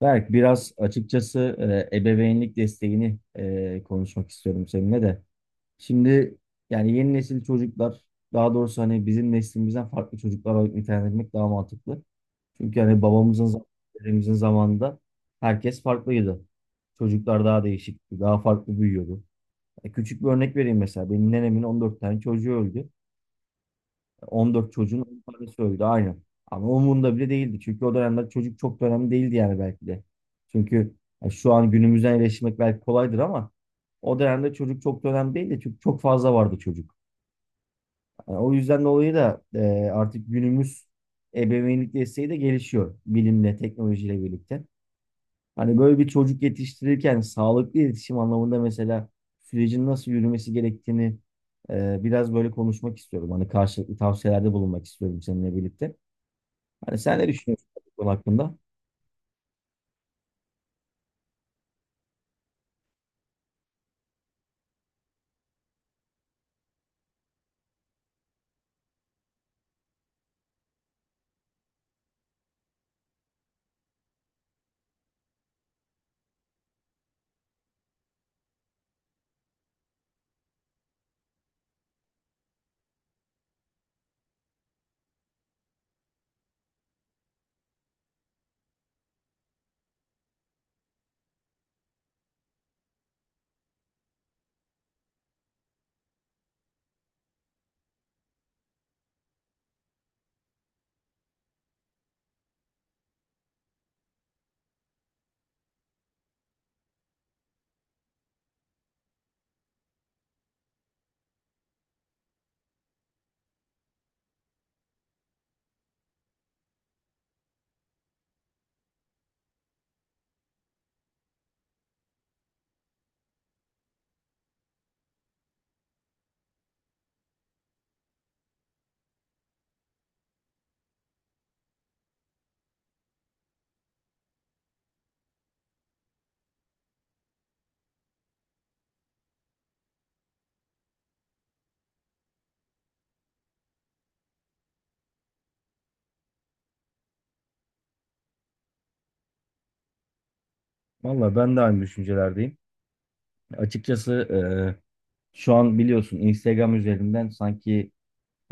Berk, biraz açıkçası ebeveynlik desteğini konuşmak istiyorum seninle de. Şimdi yani yeni nesil çocuklar, daha doğrusu hani bizim neslimizden farklı çocuklar olarak nitelendirmek daha mantıklı. Çünkü hani babamızın, zam- dedemizin zamanında herkes farklıydı. Çocuklar daha değişikti, daha farklı büyüyordu. Küçük bir örnek vereyim mesela. Benim nenemin 14 tane çocuğu öldü. 14 çocuğun 10 tanesi öldü aynen. Ama umurunda bile değildi. Çünkü o dönemde çocuk çok da önemli değildi yani belki de. Çünkü ya şu an günümüzden eleştirmek belki kolaydır ama o dönemde çocuk çok da önemli değildi. Çünkü çok fazla vardı çocuk. Yani o yüzden dolayı da artık günümüz ebeveynlik desteği de gelişiyor bilimle, teknolojiyle birlikte. Hani böyle bir çocuk yetiştirirken sağlıklı iletişim anlamında mesela sürecin nasıl yürümesi gerektiğini biraz böyle konuşmak istiyorum. Hani karşılıklı tavsiyelerde bulunmak istiyorum seninle birlikte. Hani sen ne düşünüyorsun bu konu hakkında? Valla ben de aynı düşüncelerdeyim. Açıkçası şu an biliyorsun Instagram üzerinden sanki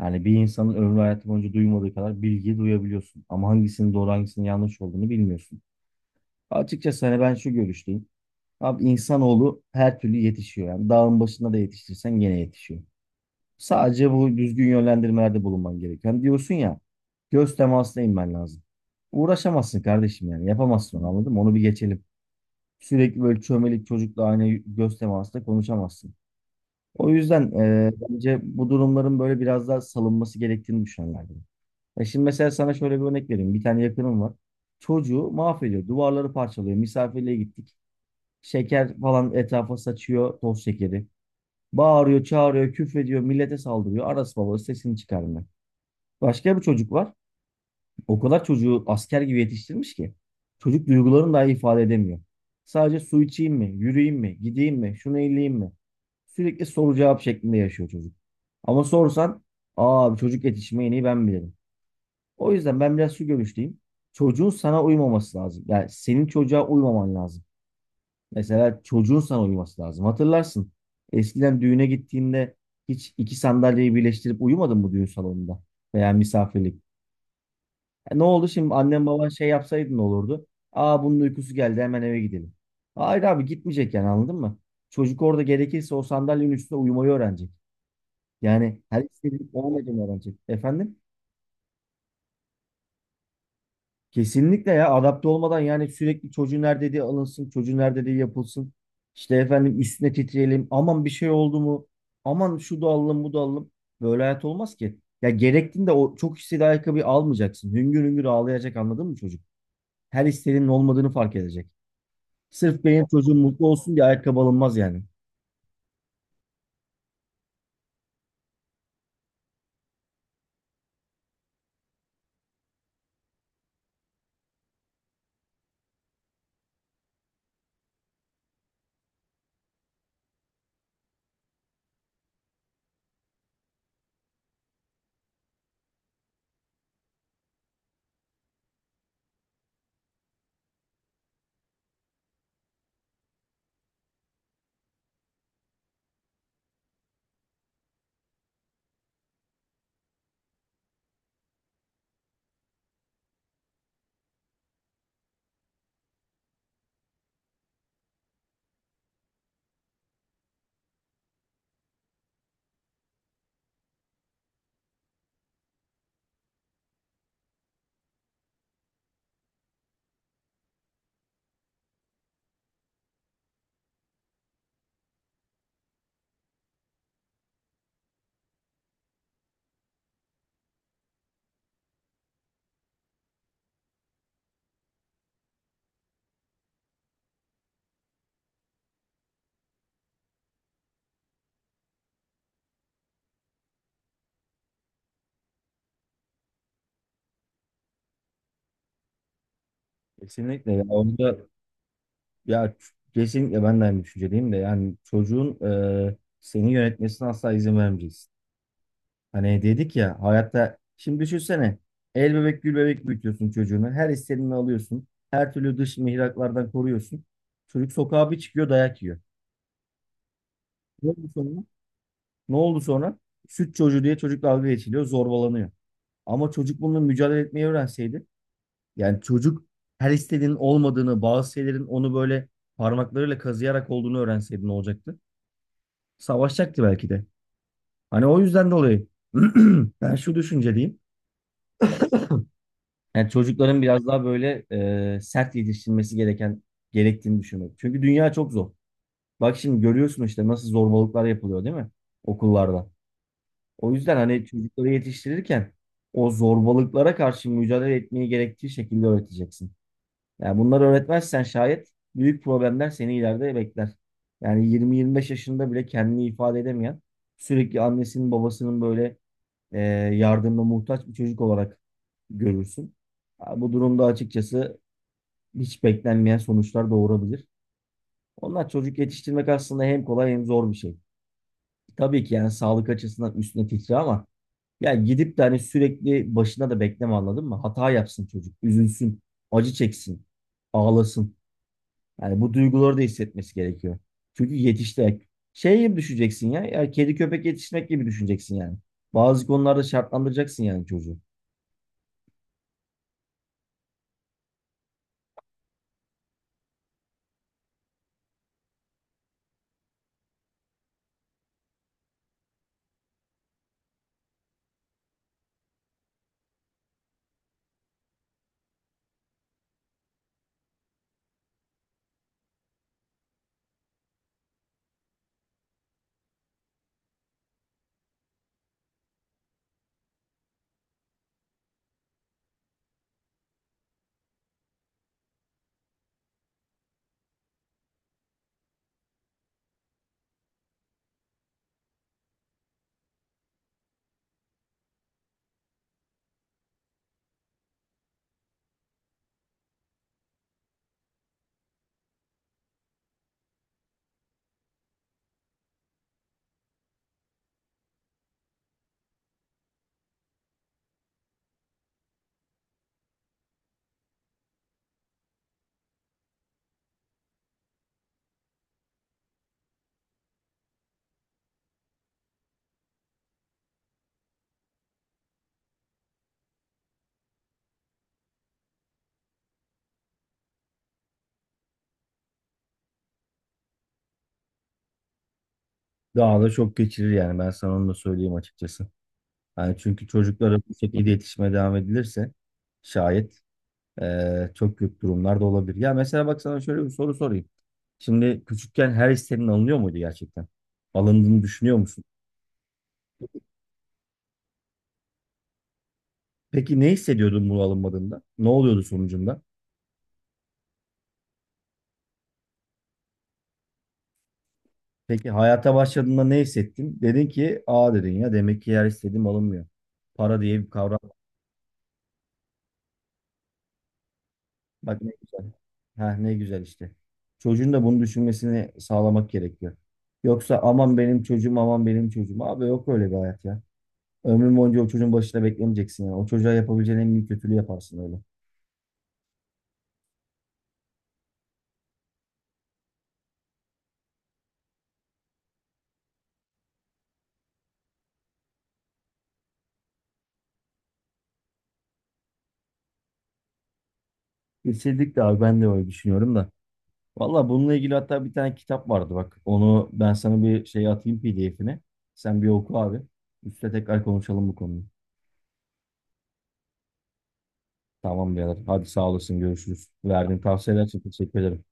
yani bir insanın ömrü hayatı boyunca duymadığı kadar bilgi duyabiliyorsun. Ama hangisinin doğru hangisinin yanlış olduğunu bilmiyorsun. Açıkçası hani ben şu görüşteyim. Abi insanoğlu her türlü yetişiyor. Yani dağın başında da yetiştirsen gene yetişiyor. Sadece bu düzgün yönlendirmelerde bulunman gereken diyorsun ya göz temasına inmen lazım. Uğraşamazsın kardeşim yani yapamazsın onu anladın mı? Onu bir geçelim. Sürekli böyle çömelik çocukla aynı göz temasında konuşamazsın. O yüzden bence bu durumların böyle biraz daha salınması gerektiğini düşünenlerdim. Ya şimdi mesela sana şöyle bir örnek vereyim. Bir tane yakınım var. Çocuğu mahvediyor. Duvarları parçalıyor. Misafirliğe gittik. Şeker falan etrafa saçıyor. Toz şekeri. Bağırıyor, çağırıyor, küfrediyor. Millete saldırıyor. Arası babası sesini çıkarmıyor. Başka bir çocuk var. O kadar çocuğu asker gibi yetiştirmiş ki. Çocuk duygularını dahi ifade edemiyor. Sadece su içeyim mi, yürüyeyim mi, gideyim mi, şunu elleyeyim mi? Sürekli soru cevap şeklinde yaşıyor çocuk. Ama sorsan, aa çocuk yetişmeyi en iyi ben bilirim. O yüzden ben biraz şu görüşteyim. Çocuğun sana uymaması lazım. Yani senin çocuğa uymaman lazım. Mesela çocuğun sana uyması lazım. Hatırlarsın. Eskiden düğüne gittiğinde hiç iki sandalyeyi birleştirip uyumadın mı düğün salonunda veya misafirlikte? Ne oldu şimdi annem baban şey yapsaydı ne olurdu? Aa bunun uykusu geldi hemen eve gidelim. Hayır abi gitmeyecek yani anladın mı? Çocuk orada gerekirse o sandalyenin üstünde uyumayı öğrenecek. Yani her istediği olmadığını öğrenecek. Efendim? Kesinlikle ya adapte olmadan yani sürekli çocuğun her dediği alınsın, çocuğun her dediği yapılsın. İşte efendim üstüne titreyelim. Aman bir şey oldu mu? Aman şu da alalım bu da alalım. Böyle hayat olmaz ki. Ya gerektiğinde o çok istediği ayakkabıyı almayacaksın. Hüngür hüngür ağlayacak anladın mı çocuk? Her istediğinin olmadığını fark edecek. Sırf benim çocuğum mutlu olsun diye ayakkabı alınmaz yani. Kesinlikle ya onda ya kesinlikle ben de aynı düşüncedeyim de yani çocuğun seni yönetmesine asla izin vermeyeceksin. Hani dedik ya hayatta şimdi düşünsene el bebek gül bebek büyütüyorsun çocuğunu her istediğini alıyorsun her türlü dış mihraklardan koruyorsun. Çocuk sokağa bir çıkıyor dayak yiyor. Ne oldu sonra? Ne oldu sonra? Süt çocuğu diye çocuk dalga geçiliyor zorbalanıyor. Ama çocuk bununla mücadele etmeyi öğrenseydi. Yani çocuk her istediğinin olmadığını, bazı şeylerin onu böyle parmaklarıyla kazıyarak olduğunu öğrenseydi ne olacaktı? Savaşacaktı belki de. Hani o yüzden dolayı ben şu düşünceliyim. Yani çocukların biraz daha böyle sert yetiştirilmesi gerektiğini düşünüyorum. Çünkü dünya çok zor. Bak şimdi görüyorsun işte nasıl zorbalıklar yapılıyor değil mi? Okullarda. O yüzden hani çocukları yetiştirirken o zorbalıklara karşı mücadele etmeyi gerektiği şekilde öğreteceksin. Yani bunları öğretmezsen şayet büyük problemler seni ileride bekler. Yani 20-25 yaşında bile kendini ifade edemeyen, sürekli annesinin babasının böyle e, yardımına muhtaç bir çocuk olarak görürsün. Ha, bu durumda açıkçası hiç beklenmeyen sonuçlar doğurabilir. Onlar çocuk yetiştirmek aslında hem kolay hem zor bir şey. Tabii ki yani sağlık açısından üstüne titri ama yani gidip de hani sürekli başına da bekleme anladın mı? Hata yapsın çocuk, üzülsün, acı çeksin, ağlasın. Yani bu duyguları da hissetmesi gerekiyor. Çünkü yetişti. Şey gibi düşeceksin ya. Ya kedi köpek yetiştirmek gibi düşüneceksin yani. Bazı konularda şartlandıracaksın yani çocuğu. Daha da çok geçirir yani ben sana onu da söyleyeyim açıkçası. Yani çünkü çocuklara bu şekilde yetişmeye devam edilirse şayet çok kötü durumlar da olabilir. Ya mesela bak sana şöyle bir soru sorayım. Şimdi küçükken her isteğin alınıyor muydu gerçekten? Alındığını düşünüyor musun? Peki ne hissediyordun bunu alınmadığında? Ne oluyordu sonucunda? Peki hayata başladığında ne hissettin? Dedin ki aa dedin ya demek ki yer istediğim alınmıyor. Para diye bir kavram var. Bak ne güzel. Ha ne güzel işte. Çocuğun da bunu düşünmesini sağlamak gerekiyor. Yoksa aman benim çocuğum aman benim çocuğum. Abi yok öyle bir hayat ya. Ömrün boyunca o çocuğun başına beklemeyeceksin yani. O çocuğa yapabileceğin en büyük kötülüğü yaparsın öyle. Kesinlikle abi ben de öyle düşünüyorum da. Valla bununla ilgili hatta bir tane kitap vardı bak. Onu ben sana bir şey atayım PDF'ine. Sen bir oku abi. Üstte tekrar konuşalım bu konuyu. Tamam birader. Hadi sağ olasın. Görüşürüz. Verdiğin tavsiyeler için teşekkür ederim.